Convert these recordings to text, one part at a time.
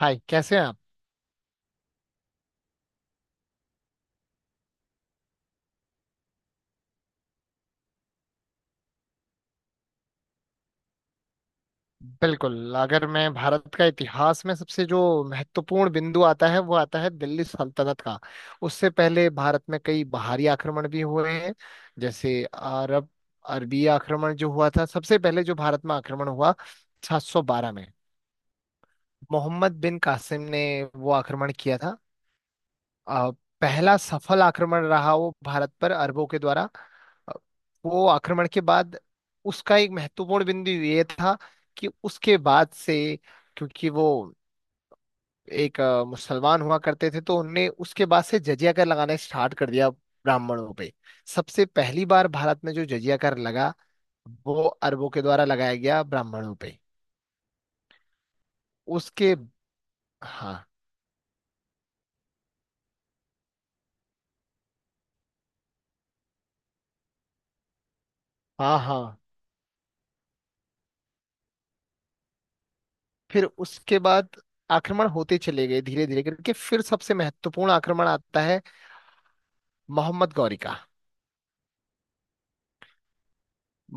हाय, कैसे हैं आप? बिल्कुल। अगर मैं भारत का इतिहास में सबसे जो महत्वपूर्ण बिंदु आता है वो आता है दिल्ली सल्तनत का। उससे पहले भारत में कई बाहरी आक्रमण भी हुए हैं, जैसे अरबी आक्रमण जो हुआ था। सबसे पहले जो भारत में आक्रमण हुआ 712 में, मोहम्मद बिन कासिम ने वो आक्रमण किया था। अ, पहला सफल आक्रमण रहा वो भारत पर अरबों के द्वारा। अ, वो आक्रमण के बाद उसका एक महत्वपूर्ण बिंदु ये था, कि उसके बाद से, क्योंकि वो एक मुसलमान हुआ करते थे, तो उनने उसके बाद से जजिया कर लगाना स्टार्ट कर दिया ब्राह्मणों पे। सबसे पहली बार भारत में जो जजिया कर लगा वो अरबों के द्वारा लगाया गया ब्राह्मणों पे। उसके हाँ, हाँ, हाँ। फिर उसके बाद आक्रमण होते चले गए धीरे धीरे करके। फिर सबसे महत्वपूर्ण आक्रमण आता है मोहम्मद गौरी का।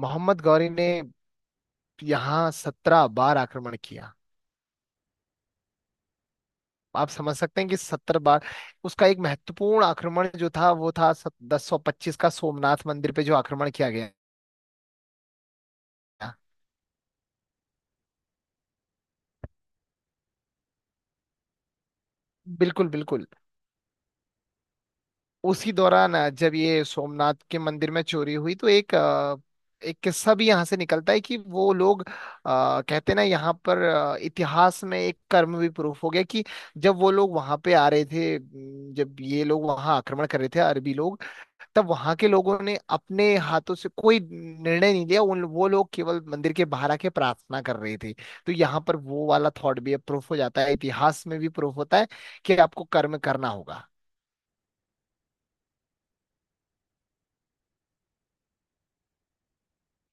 मोहम्मद गौरी ने यहाँ 17 बार आक्रमण किया। आप समझ सकते हैं कि 70 बार। उसका एक महत्वपूर्ण आक्रमण जो था वो था 1025 का, सोमनाथ मंदिर पे जो आक्रमण किया गया। बिल्कुल, बिल्कुल। उसी दौरान, जब ये सोमनाथ के मंदिर में चोरी हुई, तो एक किस्सा भी यहाँ से निकलता है कि वो लोग, कहते हैं ना, यहाँ पर इतिहास में एक कर्म भी प्रूफ हो गया कि जब वो लोग वहां पे आ रहे थे म, जब ये लोग वहां आक्रमण कर रहे थे अरबी लोग, तब वहां के लोगों ने अपने हाथों से कोई निर्णय नहीं लिया। उन वो लोग केवल मंदिर के बाहर आके प्रार्थना कर रहे थे। तो यहाँ पर वो वाला थॉट भी प्रूफ हो जाता है, इतिहास में भी प्रूफ होता है कि आपको कर्म करना होगा।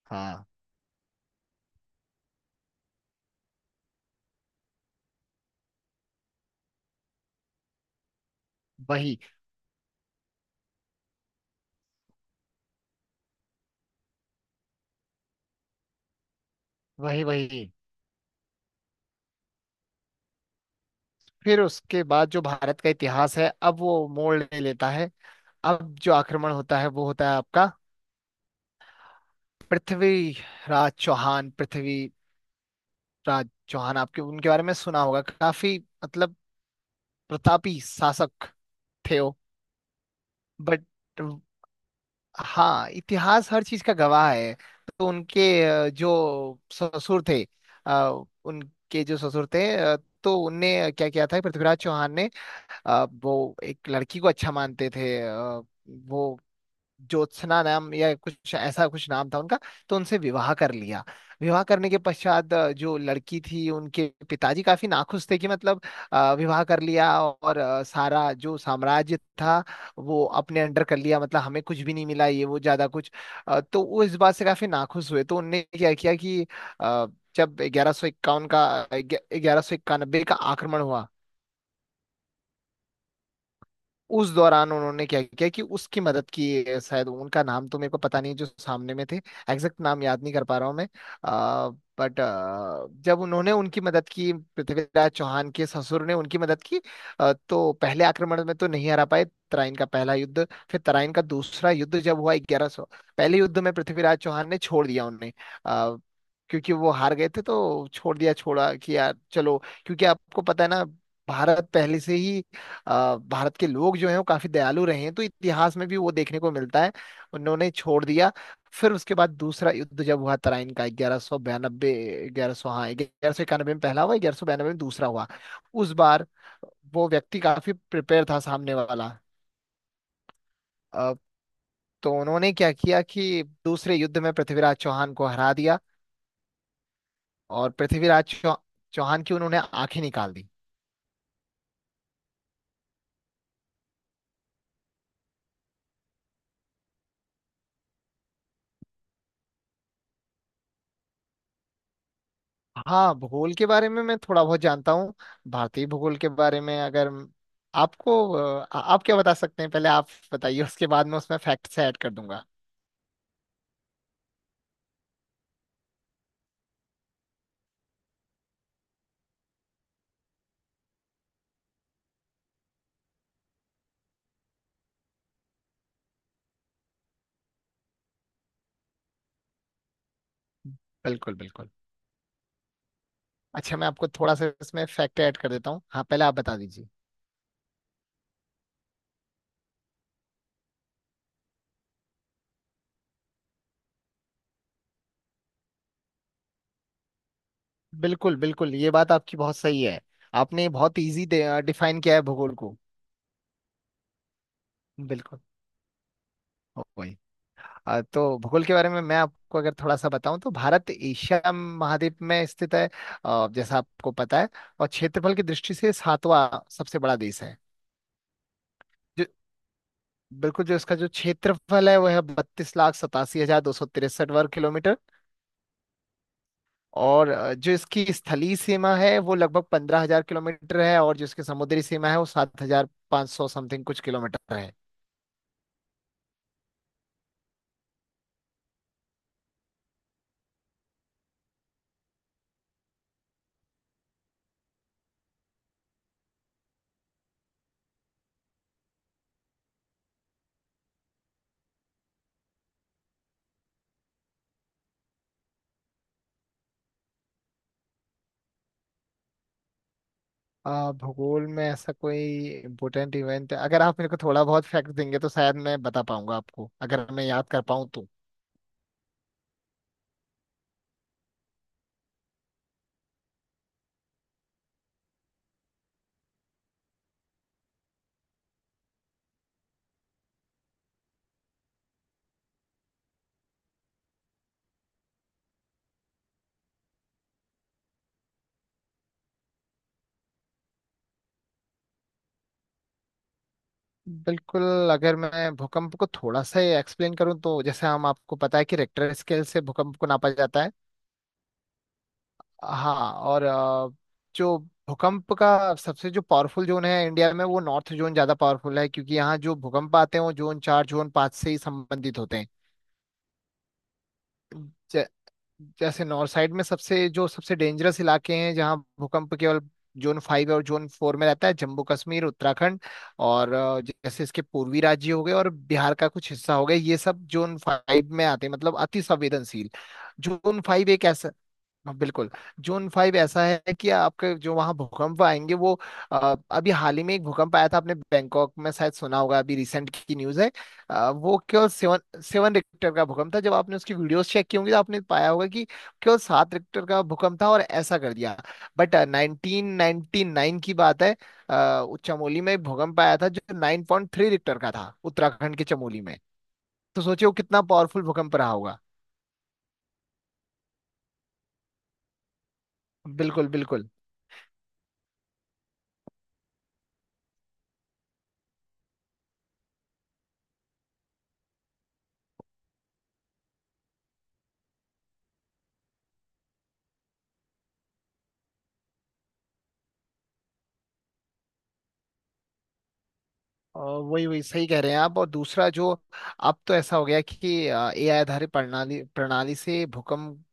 हाँ। वही, वही, वही। फिर उसके बाद जो भारत का इतिहास है, अब वो मोड़ ले लेता है। अब जो आक्रमण होता है वो होता है आपका पृथ्वी राज चौहान पृथ्वी राज चौहान। आपके उनके बारे में सुना होगा काफी। मतलब प्रतापी शासक थे वो। बट हाँ, इतिहास हर चीज का गवाह है। तो उनके अ, जो ससुर थे अ, उनके जो ससुर थे, तो उनने क्या किया था पृथ्वीराज चौहान ने। वो एक लड़की को अच्छा मानते थे। वो ज्योत्सना नाम या कुछ ऐसा कुछ नाम था उनका, तो उनसे विवाह कर लिया। विवाह करने के पश्चात, जो लड़की थी उनके पिताजी काफी नाखुश थे कि, मतलब, विवाह कर लिया और सारा जो साम्राज्य था वो अपने अंडर कर लिया, मतलब हमें कुछ भी नहीं मिला, ये वो ज्यादा कुछ। तो वो इस बात से काफी नाखुश हुए, तो उनने क्या किया कि, अ, जब 1191 का आक्रमण हुआ, उस दौरान उन्होंने क्या किया कि उसकी मदद की है, शायद उनका नाम तो मेरे को पता नहीं, जो सामने में थे। एग्जैक्ट नाम याद नहीं कर पा रहा हूँ मैं। बट जब उन्होंने उनकी मदद की, पृथ्वीराज चौहान के ससुर ने उनकी मदद की, तो पहले आक्रमण में तो नहीं हरा पाए, तराइन का पहला युद्ध। फिर तराइन का दूसरा युद्ध जब हुआ ग्यारह सौ। पहले युद्ध में पृथ्वीराज चौहान ने छोड़ दिया उन्हें। अ, क्योंकि वो हार गए थे तो छोड़ दिया, छोड़ा कि यार चलो। क्योंकि आपको पता है ना, भारत पहले से ही अ, भारत के लोग जो हैं वो काफी दयालु रहे हैं, तो इतिहास में भी वो देखने को मिलता है। उन्होंने छोड़ दिया। फिर उसके बाद दूसरा युद्ध जब हुआ तराइन का, 1192, ग्यारह सौ हाँ, 1191 में पहला हुआ, 1192 में दूसरा हुआ। उस बार वो व्यक्ति काफी प्रिपेयर था, सामने वाला। अ, तो उन्होंने क्या किया कि दूसरे युद्ध में पृथ्वीराज चौहान को हरा दिया और चौहान की उन्होंने आंखें निकाल दी। हाँ, भूगोल के बारे में मैं थोड़ा बहुत जानता हूँ। भारतीय भूगोल के बारे में, अगर आप क्या बता सकते हैं, पहले आप बताइए, उसके बाद मैं उसमें फैक्ट्स ऐड कर दूंगा। बिल्कुल, बिल्कुल। अच्छा, मैं आपको थोड़ा सा इसमें फैक्ट ऐड कर देता हूँ, हाँ, पहले आप बता दीजिए। बिल्कुल, बिल्कुल, ये बात आपकी बहुत सही है। आपने बहुत इजी डिफाइन किया है भूगोल को। बिल्कुल। वही। तो भूगोल के बारे में मैं आपको अगर थोड़ा सा बताऊं, तो भारत एशिया महाद्वीप में स्थित है, जैसा आपको पता है, और क्षेत्रफल की दृष्टि से 7वां सबसे बड़ा देश है। जो बिल्कुल। जो इसका जो क्षेत्रफल है वह है 32,87,263 वर्ग किलोमीटर। और जो इसकी स्थलीय सीमा है वो लगभग 15,000 किलोमीटर है, और जो इसकी समुद्री सीमा है वो 7,500 समथिंग कुछ किलोमीटर है। भूगोल में ऐसा कोई इम्पोर्टेंट इवेंट है, अगर आप मेरे को थोड़ा बहुत फैक्ट देंगे, तो शायद मैं बता पाऊंगा आपको, अगर मैं याद कर पाऊँ तो। बिल्कुल। अगर मैं भूकंप को थोड़ा सा एक्सप्लेन करूँ, तो जैसे हम, आपको पता है कि रेक्टर स्केल से भूकंप को नापा जाता है। हाँ, और जो भूकंप का सबसे जो पावरफुल जोन है इंडिया में वो नॉर्थ जोन, ज्यादा पावरफुल है, क्योंकि यहाँ जो भूकंप आते हैं वो जोन चार, जोन पाँच से ही संबंधित होते हैं। जैसे नॉर्थ साइड में सबसे जो सबसे डेंजरस इलाके हैं जहाँ भूकंप केवल जोन फाइव और जोन फोर में रहता है: जम्मू कश्मीर, उत्तराखंड, और जैसे इसके पूर्वी राज्य हो गए, और बिहार का कुछ हिस्सा हो गया, ये सब जोन फाइव में आते हैं, मतलब अति संवेदनशील। जोन फाइव एक ऐसा। हाँ, बिल्कुल। जून फाइव ऐसा है कि आपके जो वहाँ भूकंप आएंगे वो, अभी हाल ही में एक भूकंप आया था, आपने बैंकॉक में शायद सुना होगा, अभी रिसेंट की न्यूज़ है। वो केवल 7.7 रिक्टर का भूकंप था। जब आपने उसकी वीडियोस चेक की होंगी, तो आपने पाया होगा कि केवल 7 रिक्टर का भूकंप था और ऐसा कर दिया। बट 1999 की बात है, चमोली में एक भूकंप आया था जो 9.3 रिक्टर का था, उत्तराखंड के चमोली में। तो सोचिए वो कितना पावरफुल भूकंप रहा होगा। बिल्कुल, बिल्कुल। वही, वही, सही कह रहे हैं आप। और दूसरा जो, अब तो ऐसा हो गया कि एआई आधारित प्रणाली प्रणाली से भूकंप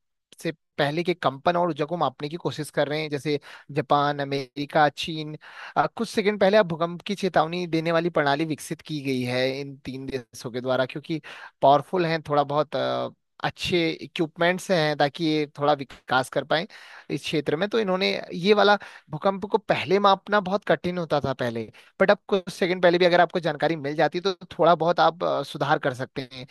से पहले के कंपन और ऊर्जा को मापने की कोशिश कर रहे हैं, जैसे जापान, अमेरिका, चीन। कुछ सेकंड पहले अब भूकंप की चेतावनी देने वाली प्रणाली विकसित की गई है इन तीन देशों के द्वारा, क्योंकि पावरफुल हैं थोड़ा बहुत, अच्छे इक्विपमेंट्स हैं, ताकि ये थोड़ा विकास कर पाए इस क्षेत्र में। तो इन्होंने ये वाला, भूकंप को पहले मापना बहुत कठिन होता था पहले। बट आप कुछ सेकंड पहले भी अगर आपको जानकारी मिल जाती है, तो थोड़ा बहुत आप सुधार कर सकते हैं।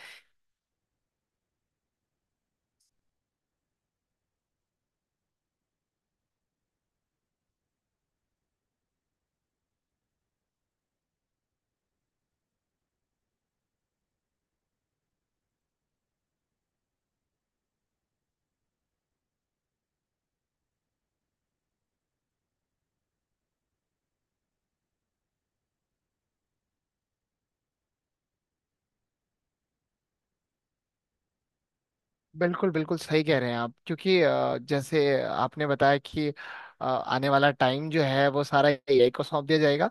बिल्कुल, बिल्कुल, सही कह रहे हैं आप। क्योंकि जैसे आपने बताया कि आने वाला टाइम जो है वो सारा एआई को सौंप दिया जाएगा।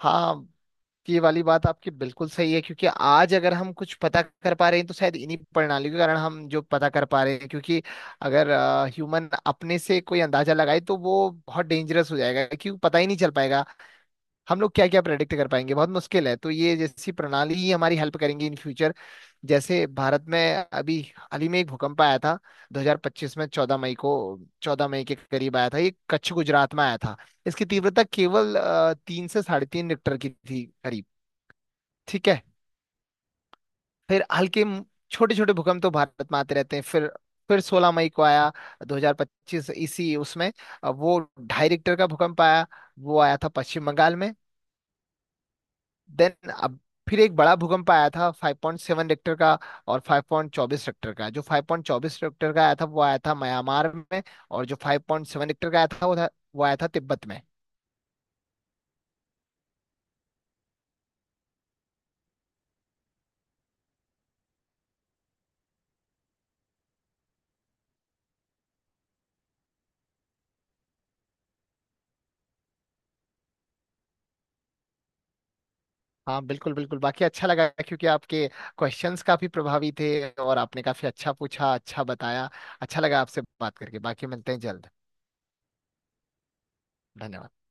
हाँ, ये वाली बात आपकी बिल्कुल सही है, क्योंकि आज अगर हम कुछ पता कर पा रहे हैं तो शायद इन्हीं प्रणालियों के कारण हम जो पता कर पा रहे हैं, क्योंकि अगर ह्यूमन अपने से कोई अंदाजा लगाए तो वो बहुत डेंजरस हो जाएगा, क्योंकि पता ही नहीं चल पाएगा हम लोग क्या क्या प्रेडिक्ट कर पाएंगे, बहुत मुश्किल है। तो ये जैसी प्रणाली ही हमारी हेल्प करेंगी इन फ्यूचर। जैसे भारत में अभी हाल ही में एक भूकंप आया था 2025 में, 14 मई को, 14 मई के करीब आया था, ये कच्छ गुजरात में आया था। इसकी तीव्रता केवल 3 से साढ़े 3 रिक्टर की थी करीब। ठीक है। फिर हल्के छोटे छोटे भूकंप तो भारत में आते रहते हैं। फिर 16 मई को आया 2025, इसी उसमें वो 2.5 रिक्टर का भूकंप आया, वो आया था पश्चिम बंगाल में। देन अब फिर एक बड़ा भूकंप आया था 5.7 रिक्टर का और 5.24 रिक्टर का। जो 5.24 रिक्टर का आया था वो आया था म्यांमार में, और जो 5.7 रिक्टर का आया था वो आया था तिब्बत में। हाँ, बिल्कुल, बिल्कुल। बाकी अच्छा लगा, क्योंकि आपके क्वेश्चंस काफी प्रभावी थे और आपने काफी अच्छा पूछा, अच्छा बताया। अच्छा लगा आपसे बात करके। बाकी मिलते हैं जल्द। धन्यवाद।